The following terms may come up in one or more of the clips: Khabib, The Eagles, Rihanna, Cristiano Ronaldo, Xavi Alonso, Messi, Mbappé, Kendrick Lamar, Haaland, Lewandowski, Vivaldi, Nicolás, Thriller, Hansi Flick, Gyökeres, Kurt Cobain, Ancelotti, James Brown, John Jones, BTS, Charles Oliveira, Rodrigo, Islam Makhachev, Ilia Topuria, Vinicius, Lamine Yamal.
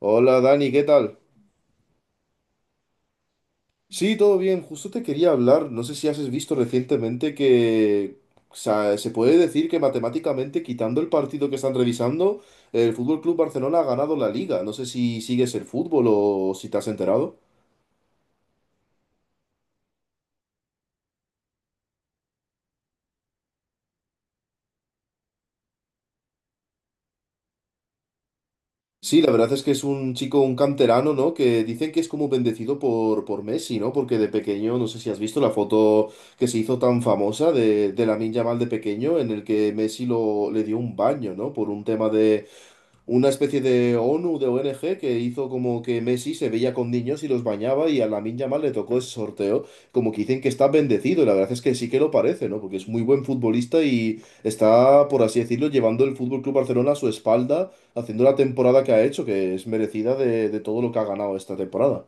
Hola Dani, ¿qué tal? Sí, todo bien. Justo te quería hablar. No sé si has visto recientemente que, o sea, se puede decir que matemáticamente, quitando el partido que están revisando, el Fútbol Club Barcelona ha ganado la liga. No sé si sigues el fútbol o si te has enterado. Sí, la verdad es que es un chico, un canterano, ¿no? Que dicen que es como bendecido por, Messi, ¿no? Porque de pequeño, no sé si has visto la foto que se hizo tan famosa de, Lamine Yamal de pequeño, en el que Messi lo, le dio un baño, ¿no? Por un tema de una especie de ONU, de ONG, que hizo como que Messi se veía con niños y los bañaba y a Lamine Yamal le tocó ese sorteo, como que dicen que está bendecido, y la verdad es que sí que lo parece, ¿no? Porque es muy buen futbolista y está, por así decirlo, llevando el Fútbol Club Barcelona a su espalda, haciendo la temporada que ha hecho, que es merecida de, todo lo que ha ganado esta temporada.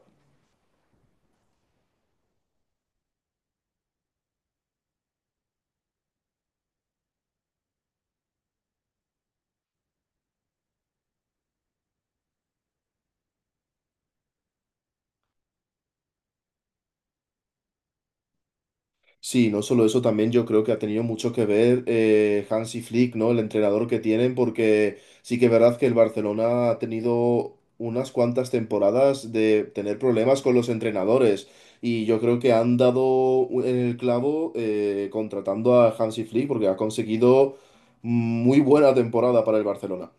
Sí, no solo eso, también yo creo que ha tenido mucho que ver Hansi Flick, ¿no? El entrenador que tienen, porque sí que es verdad que el Barcelona ha tenido unas cuantas temporadas de tener problemas con los entrenadores y yo creo que han dado en el clavo contratando a Hansi Flick porque ha conseguido muy buena temporada para el Barcelona.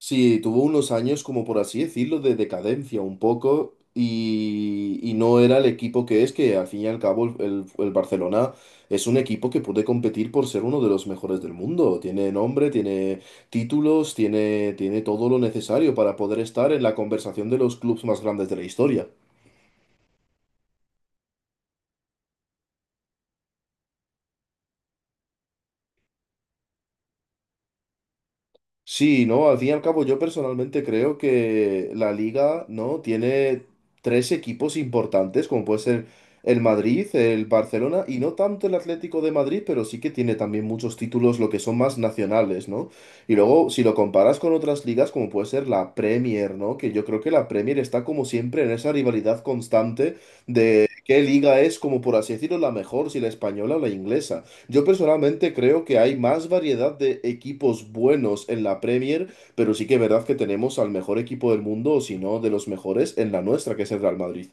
Sí, tuvo unos años, como por así decirlo, de decadencia un poco y, no era el equipo que es, que al fin y al cabo el, el Barcelona es un equipo que puede competir por ser uno de los mejores del mundo. Tiene nombre, tiene títulos, tiene, tiene todo lo necesario para poder estar en la conversación de los clubes más grandes de la historia. Sí, no, al fin y al cabo yo personalmente creo que la liga, ¿no? Tiene tres equipos importantes, como puede ser el Madrid, el Barcelona y no tanto el Atlético de Madrid, pero sí que tiene también muchos títulos, lo que son más nacionales, ¿no? Y luego, si lo comparas con otras ligas, como puede ser la Premier, ¿no? Que yo creo que la Premier está como siempre en esa rivalidad constante de qué liga es, como por así decirlo, la mejor, si la española o la inglesa. Yo personalmente creo que hay más variedad de equipos buenos en la Premier, pero sí que es verdad que tenemos al mejor equipo del mundo, o si no, de los mejores en la nuestra, que es el Real Madrid.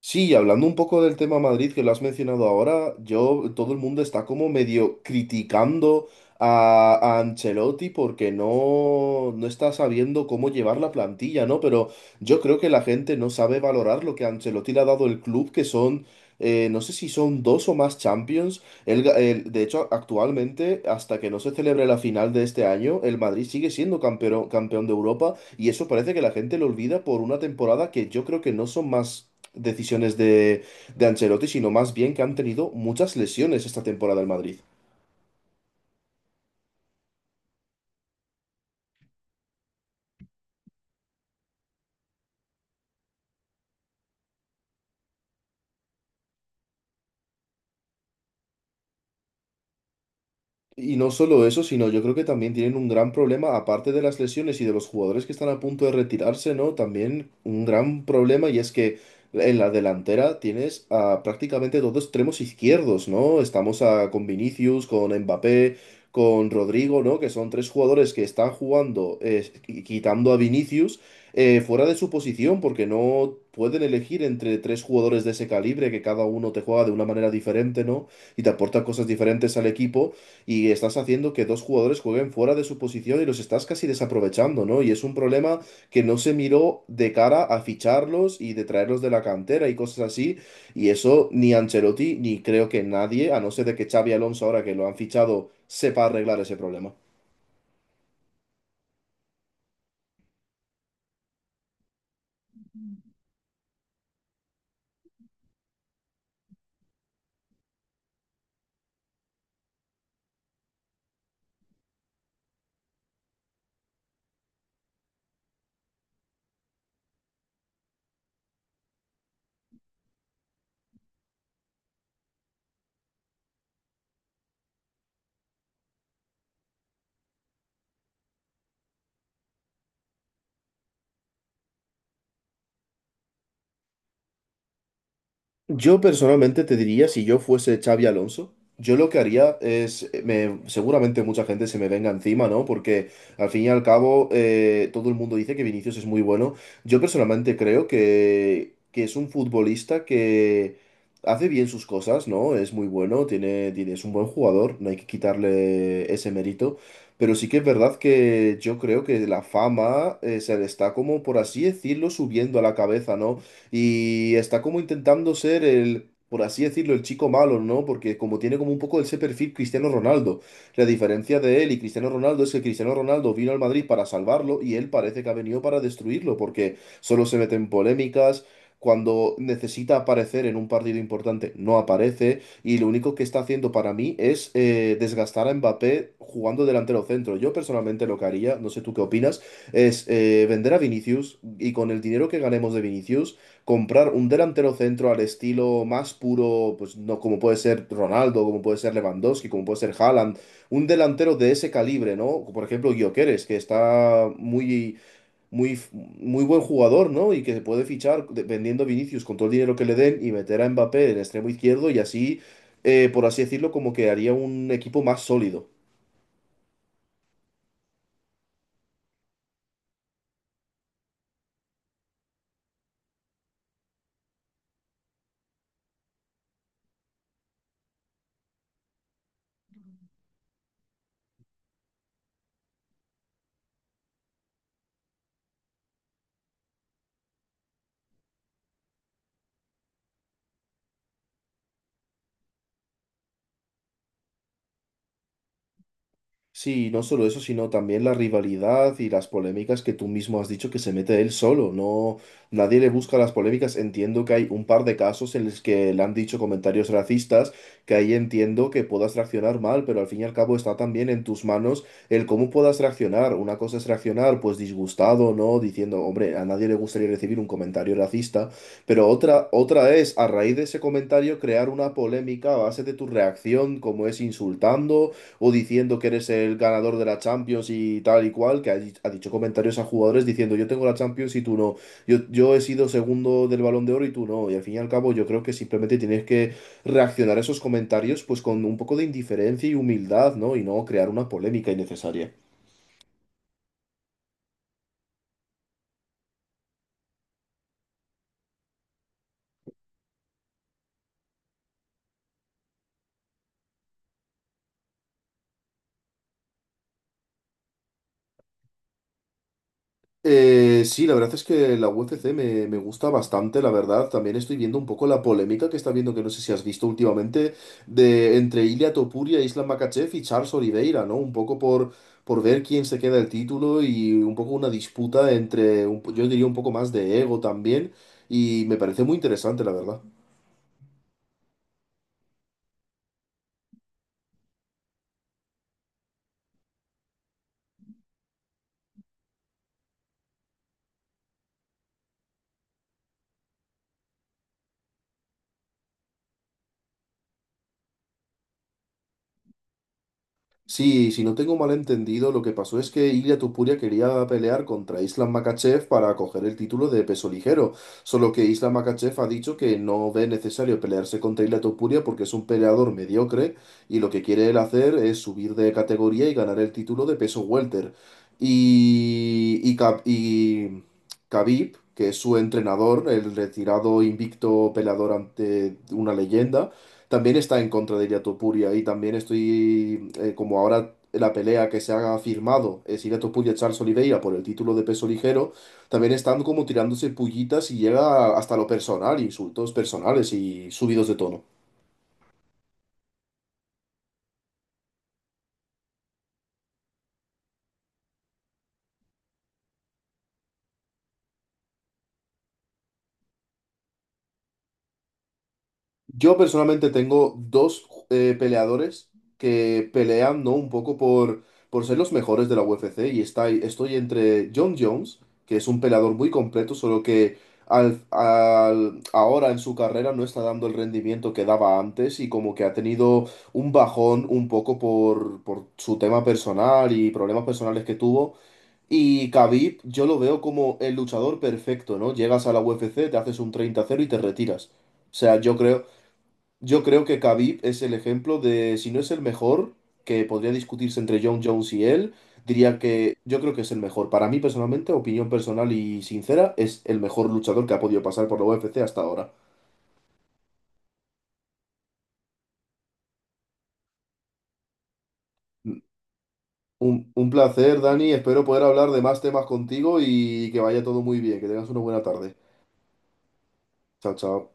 Sí, y hablando un poco del tema Madrid que lo has mencionado ahora, yo, todo el mundo está como medio criticando a, Ancelotti porque no, está sabiendo cómo llevar la plantilla, ¿no? Pero yo creo que la gente no sabe valorar lo que Ancelotti le ha dado el club, que son, no sé si son dos o más Champions. De hecho, actualmente, hasta que no se celebre la final de este año, el Madrid sigue siendo campeón, campeón de Europa y eso parece que la gente lo olvida por una temporada que yo creo que no son más decisiones de, Ancelotti, sino más bien que han tenido muchas lesiones esta temporada el Madrid. Y no solo eso, sino yo creo que también tienen un gran problema, aparte de las lesiones y de los jugadores que están a punto de retirarse, ¿no? También un gran problema y es que en la delantera tienes a prácticamente dos extremos izquierdos, ¿no? Con Vinicius, con Mbappé, con Rodrigo, ¿no? Que son tres jugadores que están jugando, quitando a Vinicius, fuera de su posición, porque no pueden elegir entre tres jugadores de ese calibre, que cada uno te juega de una manera diferente, ¿no? Y te aporta cosas diferentes al equipo y estás haciendo que dos jugadores jueguen fuera de su posición y los estás casi desaprovechando, ¿no? Y es un problema que no se miró de cara a ficharlos y de traerlos de la cantera y cosas así. Y eso ni Ancelotti ni creo que nadie, a no ser de que Xavi Alonso ahora que lo han fichado, sepa arreglar ese problema. Yo personalmente te diría, si yo fuese Xavi Alonso, yo lo que haría es, seguramente mucha gente se me venga encima, ¿no? Porque al fin y al cabo todo el mundo dice que Vinicius es muy bueno. Yo personalmente creo que es un futbolista que hace bien sus cosas, ¿no? Es muy bueno, tiene, es un buen jugador, no hay que quitarle ese mérito. Pero sí que es verdad que yo creo que la fama se le está como, por así decirlo, subiendo a la cabeza, ¿no? Y está como intentando ser el, por así decirlo, el chico malo, ¿no? Porque como tiene como un poco ese perfil Cristiano Ronaldo. La diferencia de él y Cristiano Ronaldo es que Cristiano Ronaldo vino al Madrid para salvarlo y él parece que ha venido para destruirlo, porque solo se mete en polémicas. Cuando necesita aparecer en un partido importante, no aparece. Y lo único que está haciendo para mí es desgastar a Mbappé jugando delantero centro. Yo personalmente lo que haría, no sé tú qué opinas, es vender a Vinicius y con el dinero que ganemos de Vinicius comprar un delantero centro al estilo más puro, pues no como puede ser Ronaldo, como puede ser Lewandowski, como puede ser Haaland, un delantero de ese calibre, ¿no? Por ejemplo, Gyökeres, que está muy muy buen jugador, ¿no? Y que se puede vendiendo a Vinicius con todo el dinero que le den y meter a Mbappé en extremo izquierdo y así, por así decirlo, como que haría un equipo más sólido. Sí, no solo eso, sino también la rivalidad y las polémicas que tú mismo has dicho que se mete él solo. No, nadie le busca las polémicas. Entiendo que hay un par de casos en los que le han dicho comentarios racistas, que ahí entiendo que puedas reaccionar mal, pero al fin y al cabo está también en tus manos el cómo puedas reaccionar. Una cosa es reaccionar, pues disgustado, ¿no? Diciendo, hombre, a nadie le gustaría recibir un comentario racista, pero otra, otra es, a raíz de ese comentario, crear una polémica a base de tu reacción, como es insultando o diciendo que eres el ganador de la Champions y tal y cual, ha dicho comentarios a jugadores diciendo yo tengo la Champions y tú no, yo he sido segundo del Balón de Oro y tú no, y al fin y al cabo yo creo que simplemente tienes que reaccionar a esos comentarios pues con un poco de indiferencia y humildad, ¿no? Y no crear una polémica innecesaria. Sí, la verdad es que la UFC me gusta bastante, la verdad. También estoy viendo un poco la polémica que está viendo, que no sé si has visto últimamente, de entre Ilia Topuria, Islam Makhachev y Charles Oliveira, ¿no? Un poco por, ver quién se queda el título y un poco una disputa entre, yo diría un poco más de ego también, y me parece muy interesante, la verdad. Sí, si no tengo mal entendido, lo que pasó es que Ilia Tupuria quería pelear contra Islam Makhachev para coger el título de peso ligero, solo que Islam Makhachev ha dicho que no ve necesario pelearse contra Ilia Tupuria porque es un peleador mediocre y lo que quiere él hacer es subir de categoría y ganar el título de peso welter. Y Khabib, que es su entrenador, el retirado invicto peleador ante una leyenda, también está en contra de Ilia Topuria y también estoy, como ahora la pelea que se ha firmado es Ilia Topuria-Charles Oliveira por el título de peso ligero, también están como tirándose pullitas y llega hasta lo personal, insultos personales y subidos de tono. Yo personalmente tengo dos peleadores que pelean, ¿no? Un poco por, ser los mejores de la UFC y está, estoy entre John Jones, que es un peleador muy completo, solo que ahora en su carrera no está dando el rendimiento que daba antes y como que ha tenido un bajón un poco por, su tema personal y problemas personales que tuvo. Y Khabib, yo lo veo como el luchador perfecto, ¿no? Llegas a la UFC, te haces un 30-0 y te retiras. O sea, yo creo que Khabib es el ejemplo de, si no es el mejor, que podría discutirse entre John Jones y él, diría que yo creo que es el mejor. Para mí personalmente, opinión personal y sincera, es el mejor luchador que ha podido pasar por la UFC hasta ahora. Un placer, Dani. Espero poder hablar de más temas contigo y que vaya todo muy bien. Que tengas una buena tarde. Chao, chao.